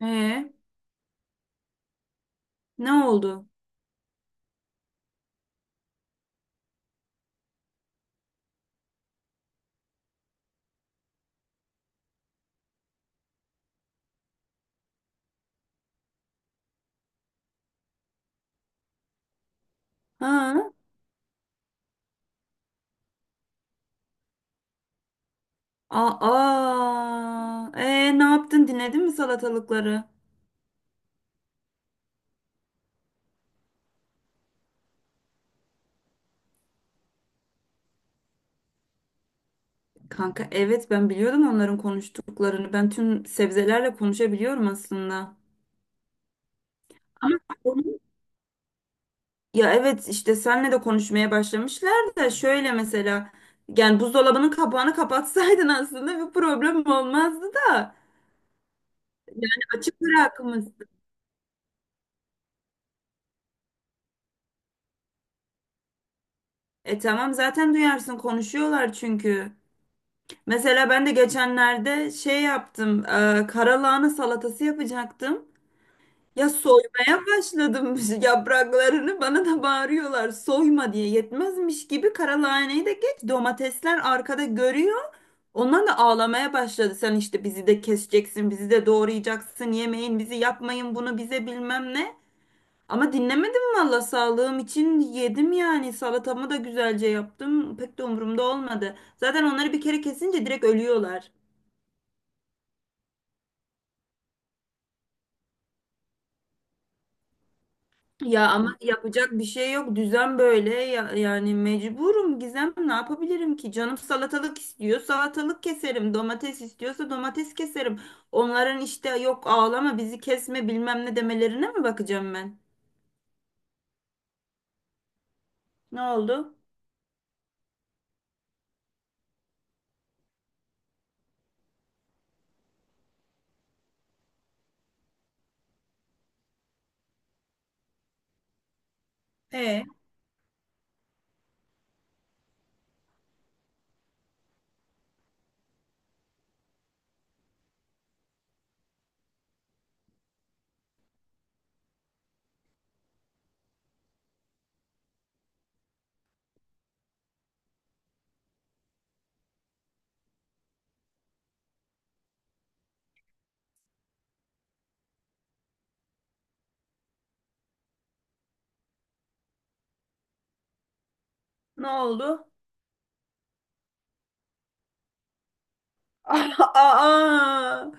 Ee, ne oldu? Ha? Ne yaptın? Dinledin mi salatalıkları? Kanka evet ben biliyordum onların konuştuklarını. Ben tüm sebzelerle konuşabiliyorum aslında. Ama onun- ya evet işte senle de konuşmaya başlamışlar da şöyle mesela yani buzdolabının kapağını kapatsaydın aslında bir problem olmazdı da. Yani açık bırakmışsın. E tamam zaten duyarsın konuşuyorlar çünkü. Mesela ben de geçenlerde şey yaptım, karalahana salatası yapacaktım. Ya soymaya başladım yapraklarını bana da bağırıyorlar soyma diye yetmezmiş gibi karalahaneyi de geç domatesler arkada görüyor. Onlar da ağlamaya başladı. Sen işte bizi de keseceksin, bizi de doğrayacaksın, yemeyin bizi yapmayın bunu bize bilmem ne. Ama dinlemedim valla sağlığım için yedim yani salatamı da güzelce yaptım pek de umurumda olmadı. Zaten onları bir kere kesince direkt ölüyorlar. Ya ama yapacak bir şey yok. Düzen böyle. Yani mecburum Gizem. Ne yapabilirim ki? Canım salatalık istiyor. Salatalık keserim. Domates istiyorsa domates keserim. Onların işte yok ağlama bizi kesme bilmem ne demelerine mi bakacağım ben? Ne oldu? E ne oldu? Aa!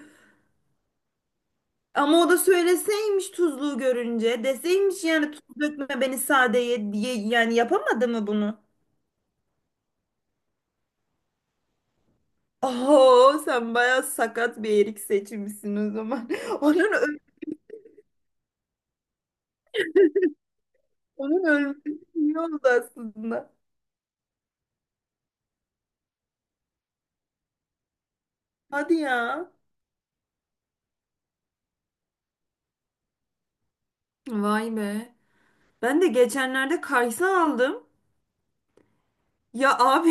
Ama o da söyleseymiş tuzluğu görünce. Deseymiş yani tuz dökme beni sade ye, yani yapamadı mı bunu? Oo, sen bayağı sakat bir erik seçmişsin o zaman. Onun öl onun ölmesi iyi oldu aslında. Hadi ya. Vay be. Ben de geçenlerde kaysa aldım. Ya abi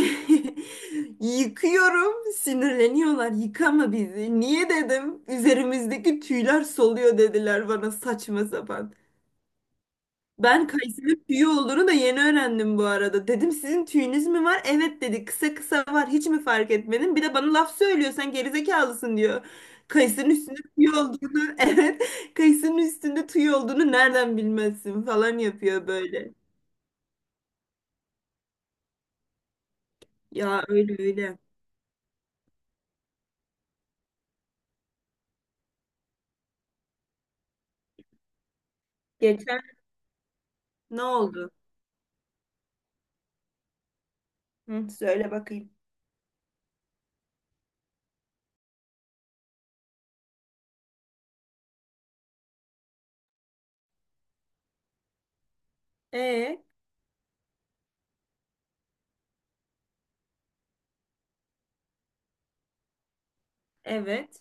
yıkıyorum. Sinirleniyorlar. Yıkama bizi. Niye dedim? Üzerimizdeki tüyler soluyor dediler bana saçma sapan. Ben kayısının tüyü olduğunu da yeni öğrendim bu arada. Dedim sizin tüyünüz mü var? Evet dedi. Kısa kısa var. Hiç mi fark etmedin? Bir de bana laf söylüyor. Sen gerizekalısın diyor. Kayısının üstünde tüy olduğunu, evet. Kayısının üstünde tüy olduğunu nereden bilmezsin falan yapıyor böyle. Ya öyle öyle. Geçen ne oldu? Hı, söyle bakayım. Ee, evet.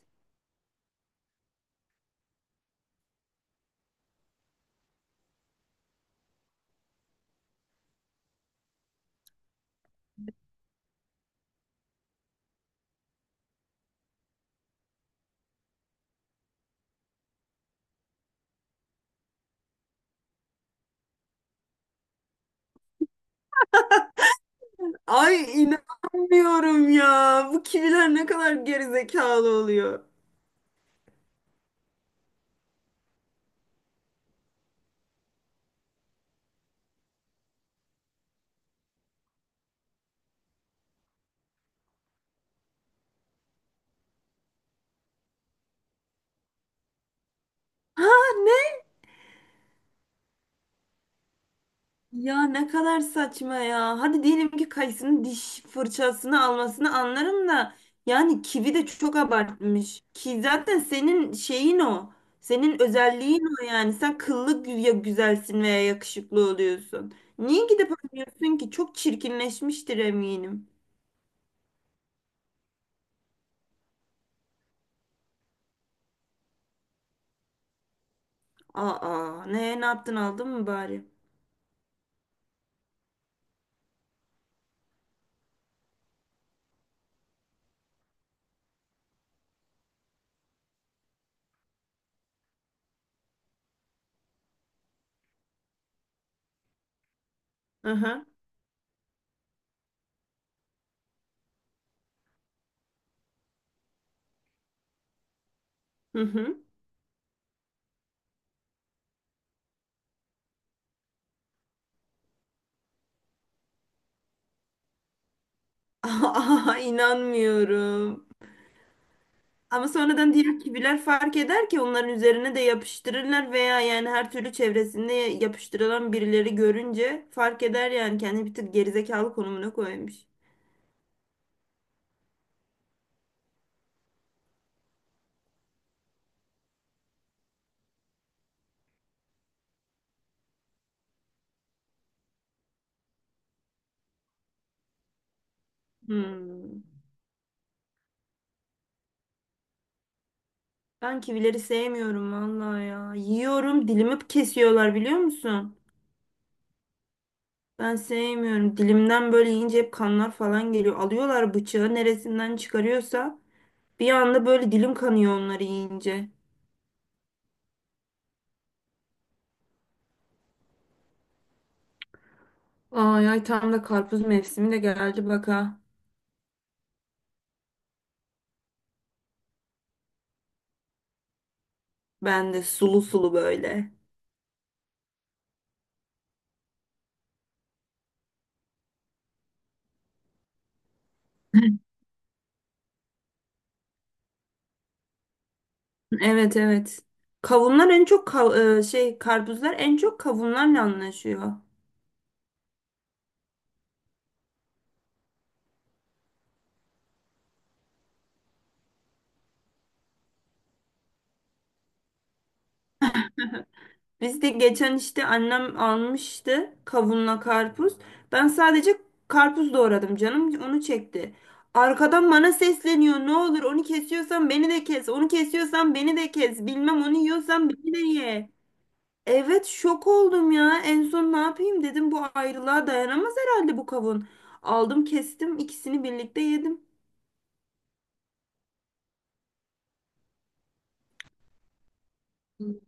Ay inanmıyorum ya. Bu kiviler ne kadar gerizekalı oluyor. Ha ne? Ya ne kadar saçma ya. Hadi diyelim ki kayısının diş fırçasını almasını anlarım da yani kivi de çok abartmış. Ki zaten senin şeyin o. Senin özelliğin o yani. Sen ya güzelsin veya yakışıklı oluyorsun. Niye gidip alıyorsun ki? Çok çirkinleşmiştir eminim. Aa, ne yaptın aldın mı bari? Aha. Hı hı. Hı. Aa, inanmıyorum. Ama sonradan diğer kiviler fark eder ki onların üzerine de yapıştırırlar veya yani her türlü çevresinde yapıştırılan birileri görünce fark eder yani kendi bir tık gerizekalı konumuna koymuş. Hmm. Ben kivileri sevmiyorum vallahi ya. Yiyorum dilimi kesiyorlar biliyor musun? Ben sevmiyorum. Dilimden böyle yiyince hep kanlar falan geliyor. Alıyorlar bıçağı neresinden çıkarıyorsa bir anda böyle dilim kanıyor onları yiyince. Ay ay tam da karpuz mevsimi de geldi bak ha. Ben de sulu sulu böyle. Evet evet. Kavunlar en çok karpuzlar en çok kavunlarla anlaşıyor. Biz de geçen işte annem almıştı kavunla karpuz. Ben sadece karpuz doğradım canım onu çekti. Arkadan bana sesleniyor. Ne olur onu kesiyorsan beni de kes. Onu kesiyorsan beni de kes. Bilmem onu yiyorsan beni de ye. Evet şok oldum ya. En son ne yapayım dedim bu ayrılığa dayanamaz herhalde bu kavun. Aldım kestim ikisini birlikte yedim. Hı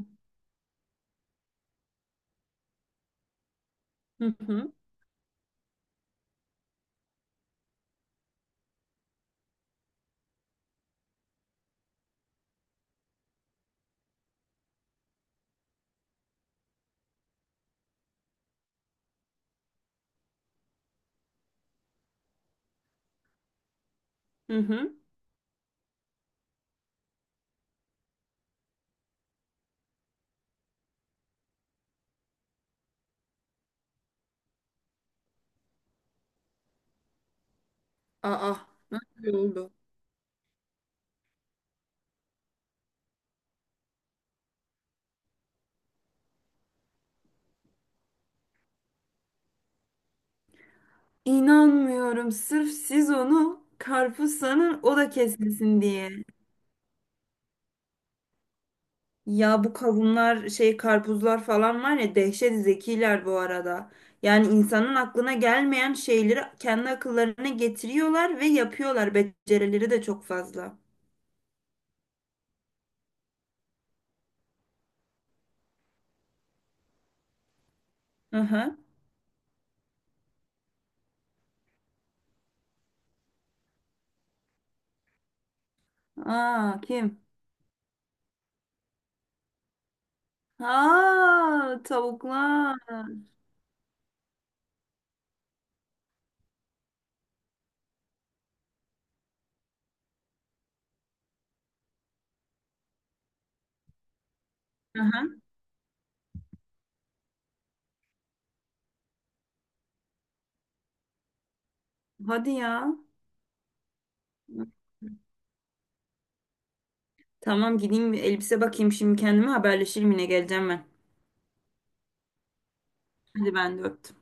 hı. Hı hı. Aa, nasıl oldu? İnanmıyorum. Sırf siz onu karpuz sanın, o da kesilsin diye. Ya bu kavunlar, karpuzlar falan var ya dehşet zekiler bu arada. Yani insanın aklına gelmeyen şeyleri kendi akıllarına getiriyorlar ve yapıyorlar. Becerileri de çok fazla. Hı hı. Aa, kim? Aa, tavuklar. Hı hı. Hadi ya. Tamam gideyim bir elbise bakayım şimdi kendime haberleşirim yine geleceğim ben. Hadi ben de öptüm.